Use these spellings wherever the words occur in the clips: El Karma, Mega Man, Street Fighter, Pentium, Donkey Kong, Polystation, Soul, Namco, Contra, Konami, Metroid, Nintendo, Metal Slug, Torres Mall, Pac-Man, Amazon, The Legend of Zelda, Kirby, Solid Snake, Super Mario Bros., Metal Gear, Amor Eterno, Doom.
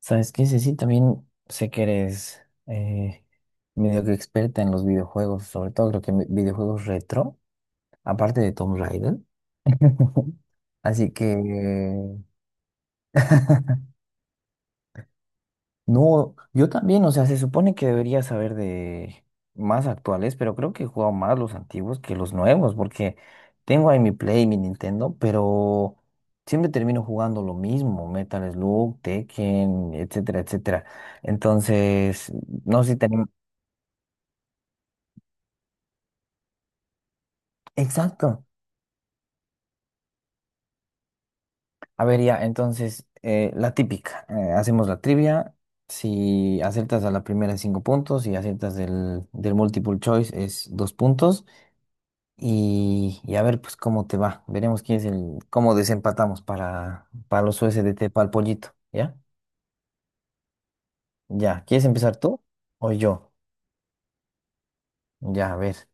¿Sabes qué, Ceci? También sé que eres eh, medio que experta en los videojuegos, sobre todo creo que en videojuegos retro, aparte de Tomb Raider. Así que... No, yo también, o sea, se supone que debería saber de más actuales, pero creo que he jugado más los antiguos que los nuevos, porque tengo ahí mi Play, mi Nintendo, pero siempre termino jugando lo mismo, Metal Slug, Tekken, etcétera, etcétera. Entonces, no sé si te exacto. A ver, ya, entonces, la típica, hacemos la trivia. Si aciertas a la primera es cinco puntos, si aciertas del multiple choice es dos puntos. Y a ver, pues, cómo te va. Veremos quién es el, cómo desempatamos para los USDT para el pollito, ¿ya? Ya, ¿quieres empezar tú o yo? Ya, a ver,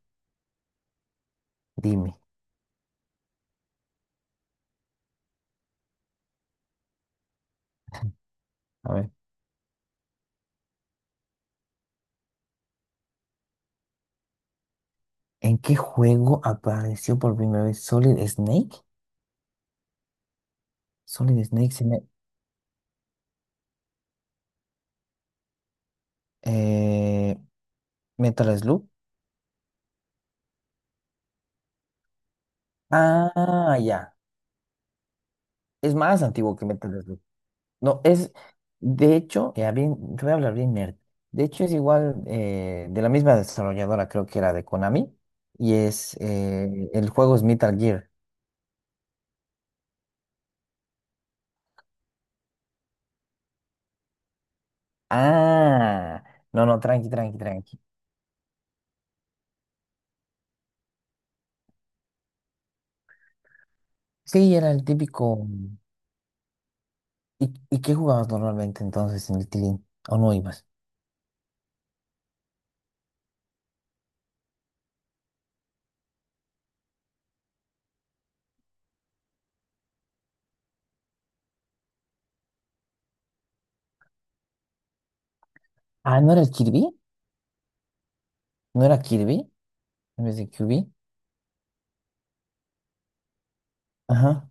dime. A ver, ¿en qué juego apareció por primera vez Solid Snake? Solid Snake se me... eh, Metal Slug. Ah, ya. Es más antiguo que Metal Slug. No, es, de hecho, ya bien, te voy a hablar bien nerd. De hecho, es igual, de la misma desarrolladora, creo que era de Konami, y es, el juego es Metal Gear. Ah, no, no, tranqui, tranqui, tranqui. Sí, era el típico. Y qué jugabas normalmente entonces en el Tilín? ¿O no ibas? Ah, ¿no era el Kirby? ¿No era Kirby? En vez de Kirby. Ajá,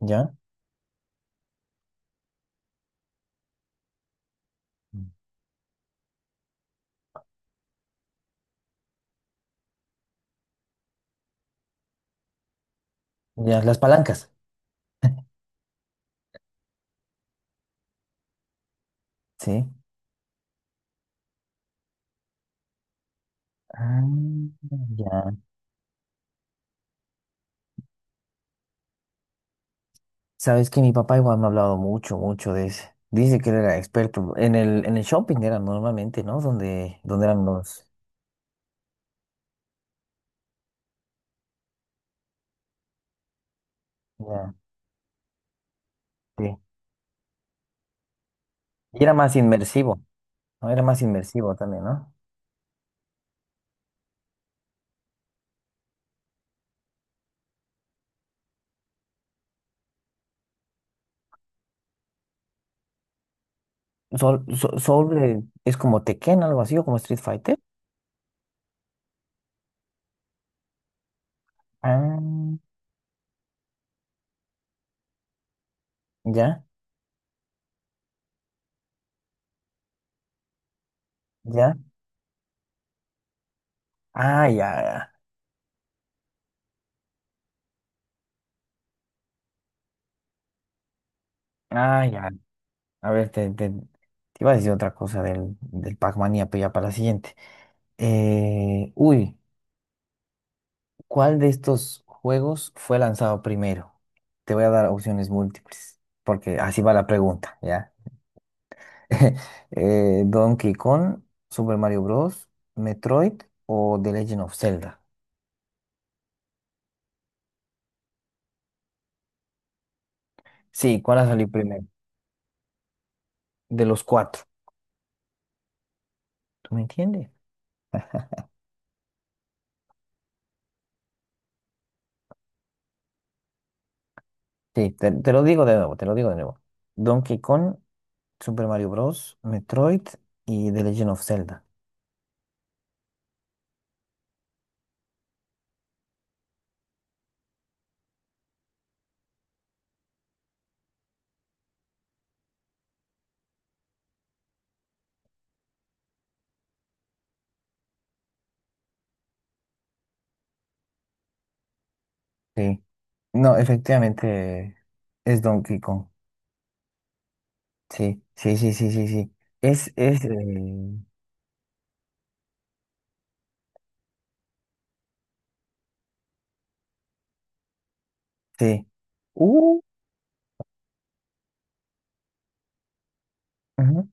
ya. Mm. Ya, las palancas. Sí. Ah, ya. Sabes que mi papá igual me ha hablado mucho, mucho de ese. Dice que él era experto. En el shopping era normalmente, ¿no? Donde, donde eran los. Ya, sí. Y era más inmersivo, ¿no? Era más inmersivo también, ¿no? Sol, so- Soul, es como Tekken, algo así, o como Street Fighter. Ah, ya, ya. Ah, ya, ya. Ah, ya. A ver, te iba a decir otra cosa del Pac-Man, ya, pero ya para la siguiente. Uy. ¿Cuál de estos juegos fue lanzado primero? Te voy a dar opciones múltiples, porque así va la pregunta, ¿ya? Donkey Kong, Super Mario Bros., Metroid o The Legend of Zelda. Sí, ¿cuál ha salido primero? De los cuatro. ¿Tú me entiendes? Sí, te lo digo de nuevo, te lo digo de nuevo. Donkey Kong, Super Mario Bros., Metroid y The Legend of Zelda. Sí. No, efectivamente es Donkey Kong. Sí, sí, sí, sí, sí, sí. Es, sí. Uh, ujú,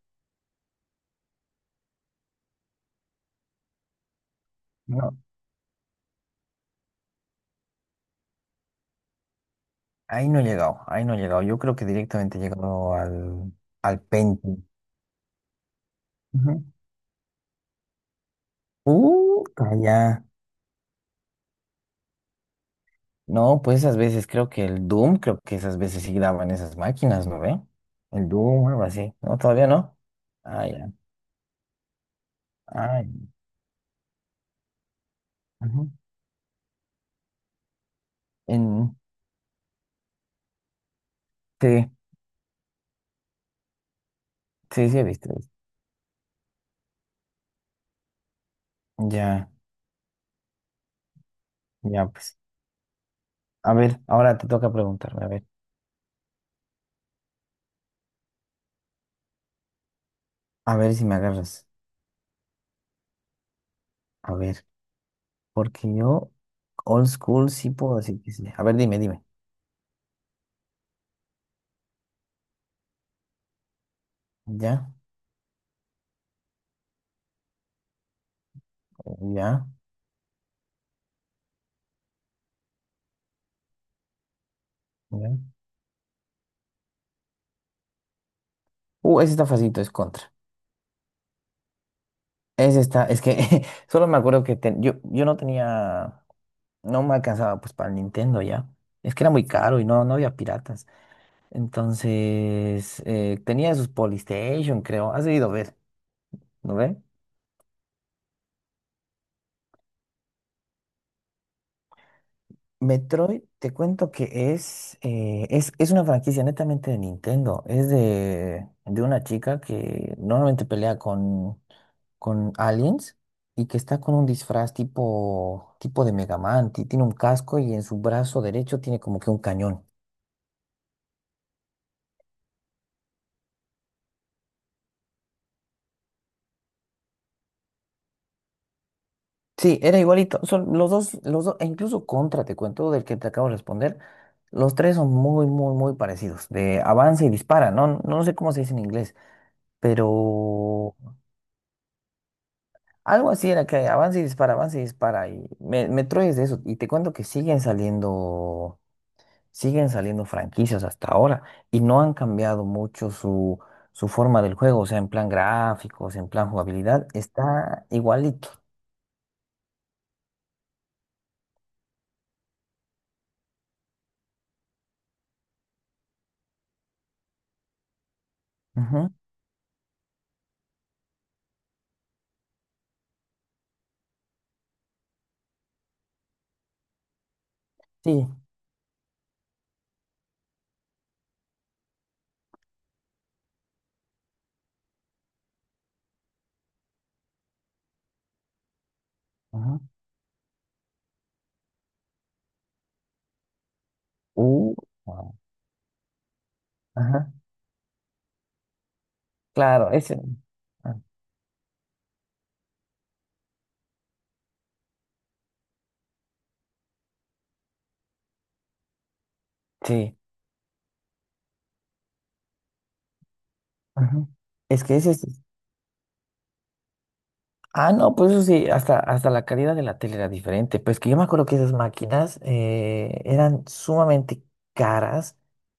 no, ahí no he llegado, ahí no he llegado. Yo creo que directamente he llegado al, al Pentium. Ujú. Calla. No, pues esas veces creo que el Doom, creo que esas veces sí graban esas máquinas, ¿no ve? El Doom, algo así. No, todavía no. Ah, ya. Ah, ya. Ujú. En, sí, sí, sí, he visto. He visto. Ya, ya, pues. A ver, ahora te toca preguntarme, a ver. A ver si me agarras. A ver. Porque yo, old school, sí puedo decir que sí. A ver, dime, dime. Ya, ya, ya. Ese está facilito, es contra. Ese está, es que solo me acuerdo que ten- yo no tenía, no me alcanzaba pues para el Nintendo ya. Es que era muy caro y no, no había piratas. Entonces, tenía sus Polystation, creo. Has debido ver, ¿no ve? Metroid, te cuento que es, es una franquicia netamente de Nintendo. Es de una chica que normalmente pelea con aliens y que está con un disfraz tipo, tipo de Mega Man. Ti- Tiene un casco y en su brazo derecho tiene como que un cañón. Sí, era igualito. Son los dos, e incluso Contra, te cuento, del que te acabo de responder. Los tres son muy, muy, muy parecidos. De avanza y dispara, ¿no? No sé cómo se dice en inglés, pero algo así era que avanza y dispara, avanza y dispara. Y me, Metroid es de eso. Y te cuento que siguen saliendo. Siguen saliendo franquicias hasta ahora y no han cambiado mucho su, su forma del juego, o sea, en plan gráficos, en plan jugabilidad, está igualito. Ujú, sí. Ujú. Uh, ah, ajá, claro, ese. Ah, sí. Ujú. Es que ese es. Ah, no, pues eso sí, hasta, hasta la calidad de la tele era diferente. Pues que yo me acuerdo que esas máquinas eran sumamente caras,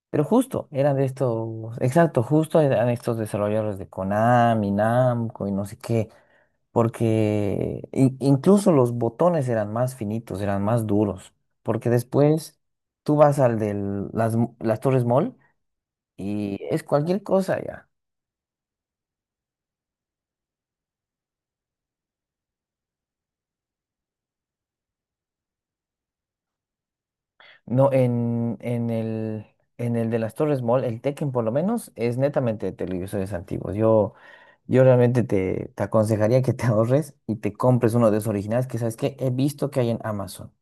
pero justo, eran de estos, exacto, justo eran estos desarrolladores de Konami, Namco y no sé qué, porque in- incluso los botones eran más finitos, eran más duros, porque después tú vas al de las Torres Mall y es cualquier cosa ya. No, en el de las Torres Mall, el Tekken por lo menos, es netamente de televisores antiguos. Yo realmente te aconsejaría que te ahorres y te compres uno de esos originales que sabes que he visto que hay en Amazon.